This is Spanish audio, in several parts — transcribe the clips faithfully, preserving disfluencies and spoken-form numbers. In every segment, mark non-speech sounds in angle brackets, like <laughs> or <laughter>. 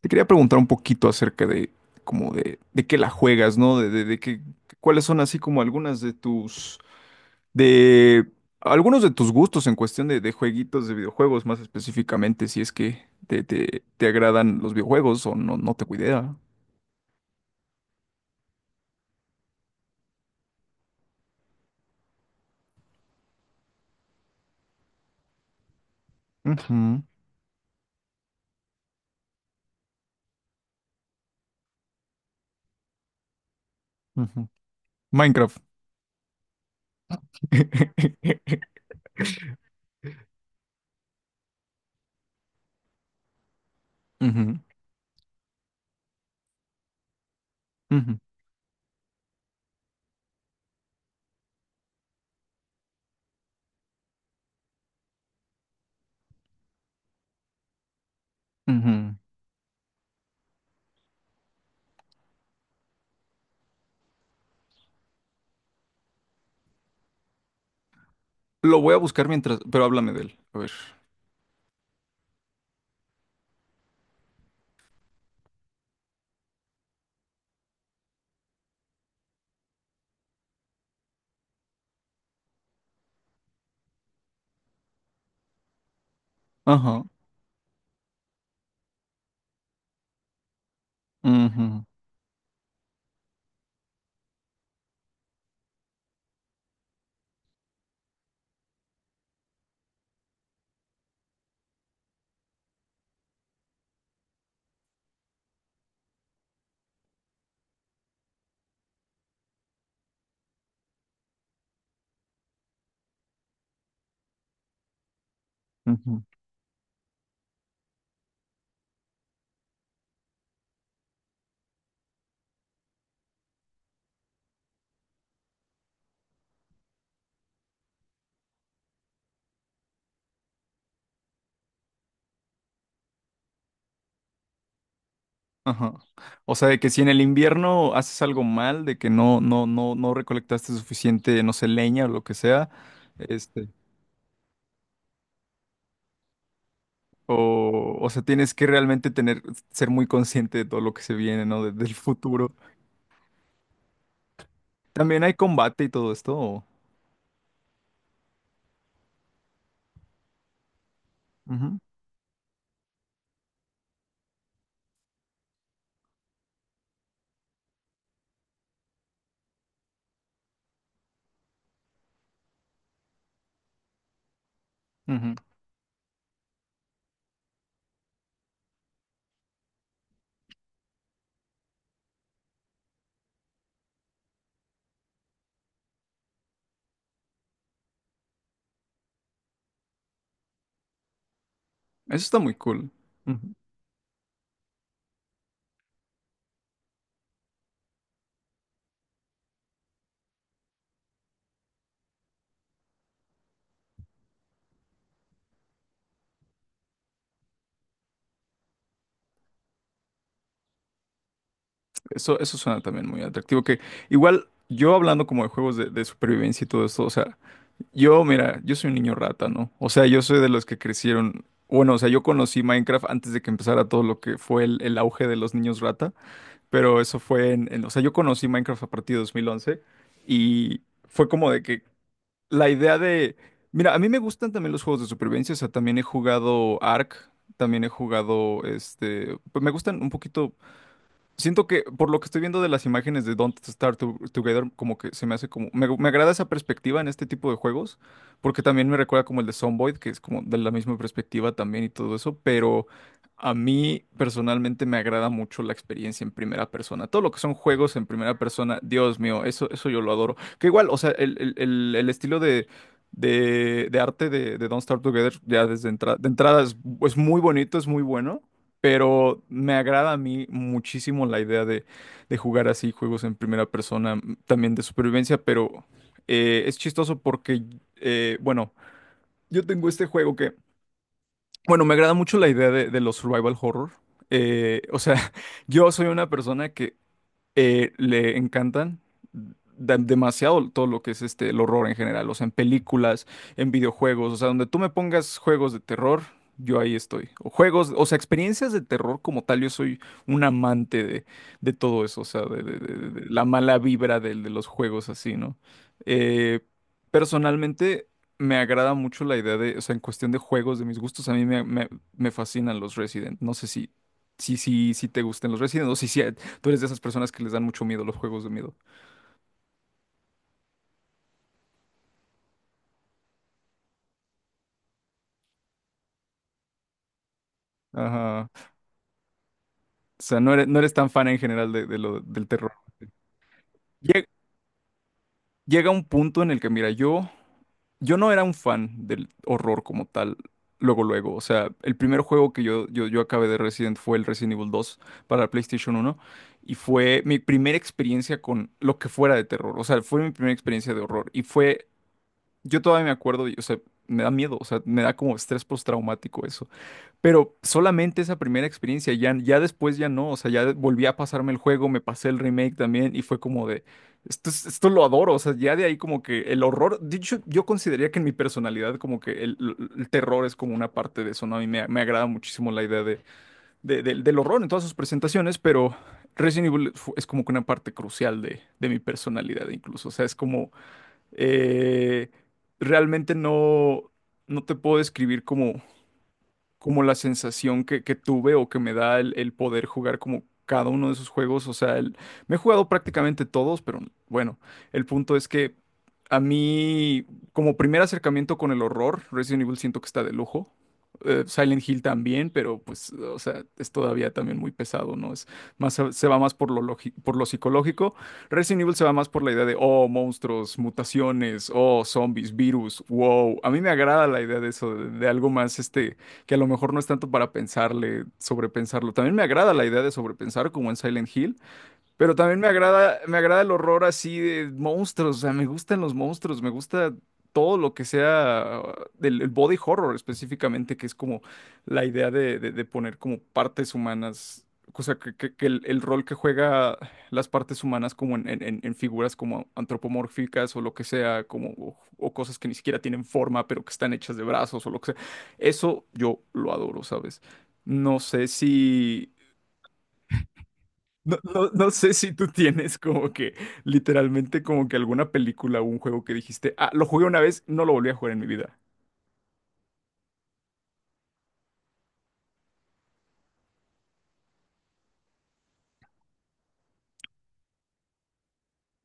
Te quería preguntar un poquito acerca de como de, de qué la juegas, ¿no? De, de, de qué, cuáles son así como algunas de tus, de algunos de tus gustos en cuestión de, de jueguitos, de videojuegos más específicamente, si es que te, te, te agradan los videojuegos o no, no te cuidea. Ujú, ujú. Minecraft. <laughs> Ujú, ujú, ujú. Lo voy a buscar mientras, pero háblame de él. A ver. Ajá. Ujú, ujú. Ajá. O sea, de que si en el invierno haces algo mal, de que no, no, no, no recolectaste suficiente, no sé, leña o lo que sea, este, o, o sea, tienes que realmente tener, ser muy consciente de todo lo que se viene, ¿no? De- del futuro. También hay combate y todo esto. o- Ujú, ujú. Eso está muy cool. Ujú. Eso, eso suena también muy atractivo. Que igual, yo hablando como de juegos de, de supervivencia y todo esto, o sea, yo, mira, yo soy un niño rata, ¿no? O sea, yo soy de los que crecieron. Bueno, o sea, yo conocí Minecraft antes de que empezara todo lo que fue el, el auge de los niños rata, pero eso fue. en, en- O sea, yo conocí Minecraft a partir de dos mil once y fue como de que la idea de... Mira, a mí me gustan también los juegos de supervivencia, o sea, también he jugado Ark, también he jugado, este... pues me gustan un poquito. Siento que por lo que estoy viendo de las imágenes de Don't Starve To- Together, como que se me hace como... Me, me agrada esa perspectiva en este tipo de juegos, porque también me recuerda como el de Zomboid, que es como de la misma perspectiva también y todo eso, pero a mí personalmente me agrada mucho la experiencia en primera persona. Todo lo que son juegos en primera persona, Dios mío, eso, eso yo lo adoro. Que igual, o sea, el, el- el- el estilo de... De, de arte de, de Don't Starve Together, ya desde entrada de entrada es, es muy bonito, es muy bueno, pero me agrada a mí muchísimo la idea de, de jugar así juegos en primera persona, m, también de supervivencia, pero eh, es chistoso porque, eh, bueno, yo tengo este juego que, bueno, me agrada mucho la idea de, de los survival horror. Eh, o sea, <laughs> yo soy una persona que eh, le encantan da- demasiado todo lo que es este el horror en general, o sea, en películas, en videojuegos, o sea, donde tú me pongas juegos de terror, yo ahí estoy. O juegos, o sea, experiencias de terror como tal, yo soy un amante de, de todo eso, o sea, de, de- de- de la mala vibra del- de, los juegos así, ¿no? Eh, personalmente me agrada mucho la idea de, o sea, en cuestión de juegos, de mis gustos, a mí me, me- me fascinan los Resident. No sé si, si, si, si te gusten los Resident o si, si, tú eres de esas personas que les dan mucho miedo los juegos de miedo. Ajá. O sea, no eres, no eres tan fan en general de, de lo, del terror. Llega, llega un punto en el que, mira, yo, yo no era un fan del horror como tal, luego, luego. O sea, el primer juego que yo, yo, yo acabé de Resident fue el Resident Evil dos para la PlayStation uno y fue mi primera experiencia con lo que fuera de terror. O sea, fue mi primera experiencia de horror y fue, yo todavía me acuerdo, y, o sea, me da miedo, o sea, me da como estrés postraumático eso. Pero solamente esa primera experiencia, ya, ya después ya no, o sea, ya volví a pasarme el juego, me pasé el remake también y fue como de, esto, es- esto lo adoro, o sea, ya de ahí como que el horror, de hecho, yo consideraría que en mi personalidad como que el, el terror es como una parte de eso, ¿no? A mí me, me agrada muchísimo la idea de, de- del del horror en todas sus presentaciones, pero Resident Evil fu- es como que una parte crucial de, de mi personalidad incluso, o sea, es como, eh, realmente no, no te puedo describir como como la sensación que, que tuve o que me da el, el poder jugar como cada uno de esos juegos. O sea, el- me he jugado prácticamente todos, pero bueno, el punto es que a mí, como primer acercamiento con el horror, Resident Evil siento que está de lujo. Eh, Silent Hill también, pero pues, o sea, es todavía también muy pesado, ¿no? Es más, se va más por lo logi- por lo psicológico. Resident Evil se va más por la idea de, oh, monstruos, mutaciones, oh, zombies, virus, wow. A mí me agrada la idea de eso, de, de algo más, este, que a lo mejor no es tanto para pensarle, sobrepensarlo. También me agrada la idea de sobrepensar, como en Silent Hill, pero también me agrada, me agrada el horror así de monstruos, o sea, me gustan los monstruos, me gusta todo lo que sea uh, del el body horror específicamente, que es como la idea de, de- de poner como partes humanas, o sea, que, que- que el, el rol que juega las partes humanas como en, en- en- en figuras como antropomórficas o lo que sea, como, o, o cosas que ni siquiera tienen forma, pero que están hechas de brazos o lo que sea. Eso yo lo adoro, ¿sabes? No sé si... No, no, no sé si tú tienes como que literalmente como que alguna película o un juego que dijiste, ah, lo jugué una vez, no lo volví a jugar en mi vida.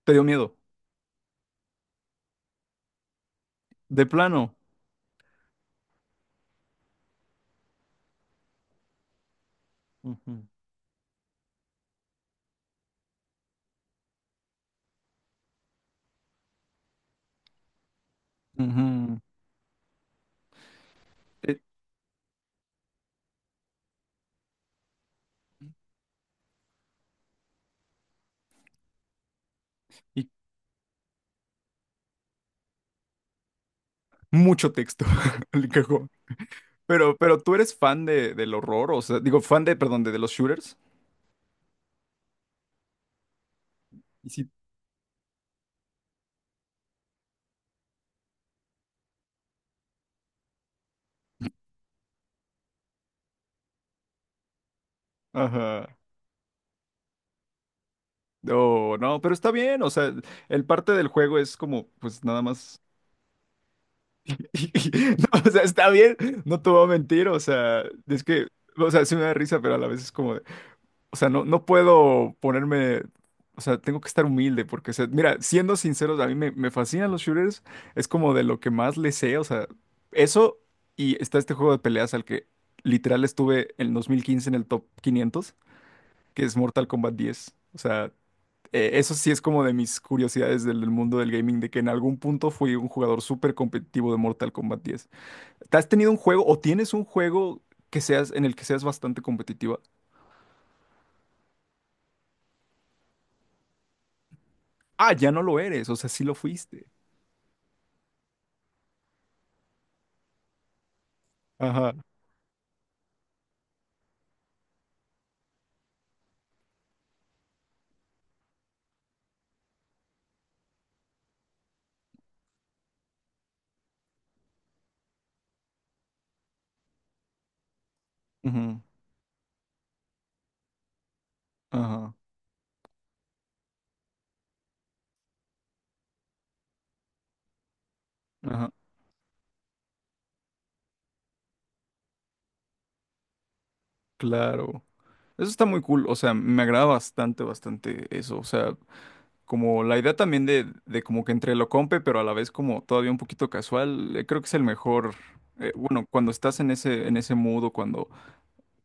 ¿Te dio miedo? De plano. Ujú. Ujú. Eh, Y mucho texto <laughs> le cajón. Pero, pero tú eres fan de, del horror, o sea, digo, fan de, perdón, de, de los shooters. Y sí. Ajá. No, no, pero está bien, o sea, el parte del juego es como, pues nada más. <laughs> No, o sea, está bien, no te voy a mentir, o sea, es que, o sea, sí me da risa, pero a la vez es como, de, o sea, no, no puedo ponerme, o sea, tengo que estar humilde, porque, o sea, mira, siendo sinceros, a mí me, me fascinan los shooters, es como de lo que más le sé, o sea, eso, y está este juego de peleas al que literal estuve en dos mil quince en el top quinientos, que es Mortal Kombat diez, o sea, eh, eso sí es como de mis curiosidades del, del mundo del gaming, de que en algún punto fui un jugador súper competitivo de Mortal Kombat diez. ¿Has tenido un juego o tienes un juego que seas en el que seas bastante competitiva? Ah, ya no lo eres, o sea, sí lo fuiste. Ajá. Ujú. Ajá. Ajá. Claro. Eso está muy cool, o sea, me agrada bastante, bastante eso, o sea, como la idea también de, de como que entre lo compe, pero a la vez como todavía un poquito casual, eh, creo que es el mejor, eh, bueno, cuando estás en ese, en ese mood o cuando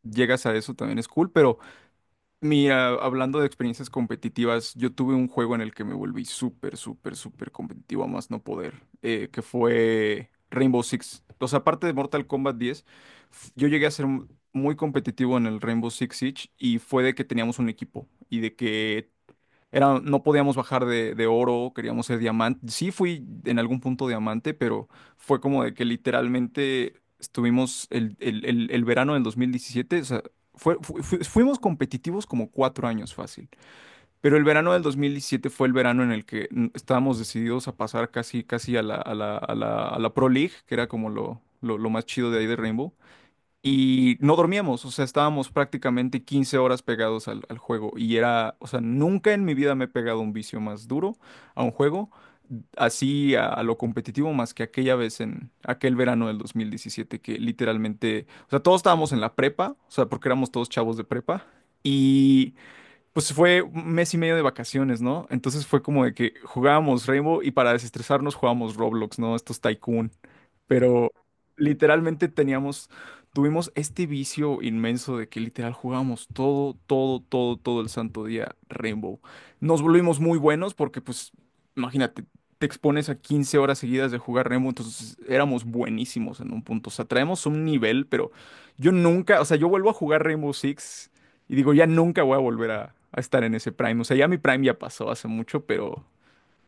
llegas a eso también es cool, pero Mira, hablando de experiencias competitivas, yo tuve un juego en el que me volví súper, súper, súper competitivo a más no poder, eh, que fue Rainbow Six. O sea, aparte de Mortal Kombat diez, f- yo llegué a ser m- muy competitivo en el Rainbow Six Siege y fue de que teníamos un equipo y de que era, no podíamos bajar de, de oro, queríamos ser diamante. Sí fui en algún punto diamante, pero fue como de que literalmente estuvimos el, el- el- el verano del dos mil diecisiete, o sea, fue- fu- fu- fuimos competitivos como cuatro años fácil. Pero el verano del dos mil diecisiete fue el verano en el que mm, estábamos decididos a pasar casi, casi a la, a la, a la, a la Pro League, que era como lo, lo, lo más chido de ahí de Rainbow. Y no dormíamos, o sea, estábamos prácticamente quince horas pegados al, al juego. Y era, o sea, nunca en mi vida me he pegado un vicio más duro a un juego, así a, a lo competitivo, más que aquella vez en aquel verano del dos mil diecisiete, que literalmente, o sea, todos estábamos en la prepa, o sea, porque éramos todos chavos de prepa. Y pues fue un mes y medio de vacaciones, ¿no? Entonces fue como de que jugábamos Rainbow y para desestresarnos jugábamos Roblox, ¿no? Estos Tycoon. Pero literalmente teníamos, tuvimos este vicio inmenso de que literal jugábamos todo, todo, todo, todo el santo día Rainbow. Nos volvimos muy buenos porque, pues, imagínate, te expones a quince horas seguidas de jugar Rainbow, entonces éramos buenísimos en un punto. O sea, traemos un nivel, pero yo nunca, o sea, yo vuelvo a jugar Rainbow Six. Y digo, ya nunca voy a volver a, a estar en ese Prime. O sea, ya mi Prime ya pasó hace mucho, pero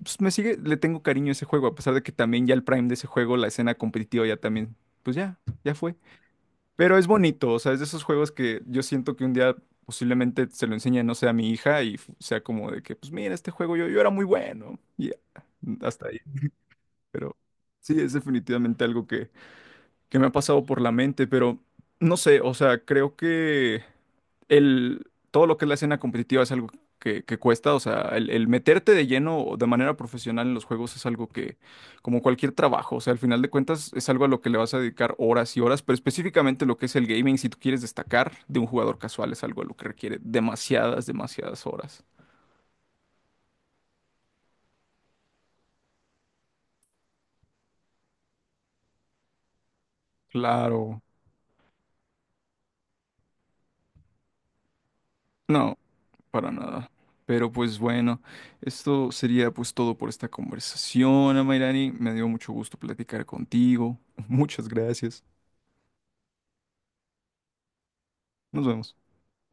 pues me sigue, le tengo cariño a ese juego, a pesar de que también ya el Prime de ese juego, la escena competitiva ya también, pues ya, ya fue. Pero es bonito, o sea, es de esos juegos que yo siento que un día posiblemente se lo enseñe, no sé, a mi hija y f- sea como de que, pues mira, este juego yo, yo era muy bueno. Y ya, hasta ahí. Pero sí, es definitivamente algo que me ha pasado por la mente, pero no sé, o sea, creo que el, todo lo que es la escena competitiva es algo que, que cuesta, o sea, el, el meterte de lleno de manera profesional en los juegos es algo que, como cualquier trabajo, o sea, al final de cuentas es algo a lo que le vas a dedicar horas y horas, pero específicamente lo que es el gaming, si tú quieres destacar de un jugador casual, es algo a lo que requiere demasiadas, demasiadas horas. Claro. No, Para nada. Pero pues bueno, esto sería pues todo por esta conversación, Amairani. Me dio mucho gusto platicar contigo. <laughs> Muchas gracias. Nos vemos.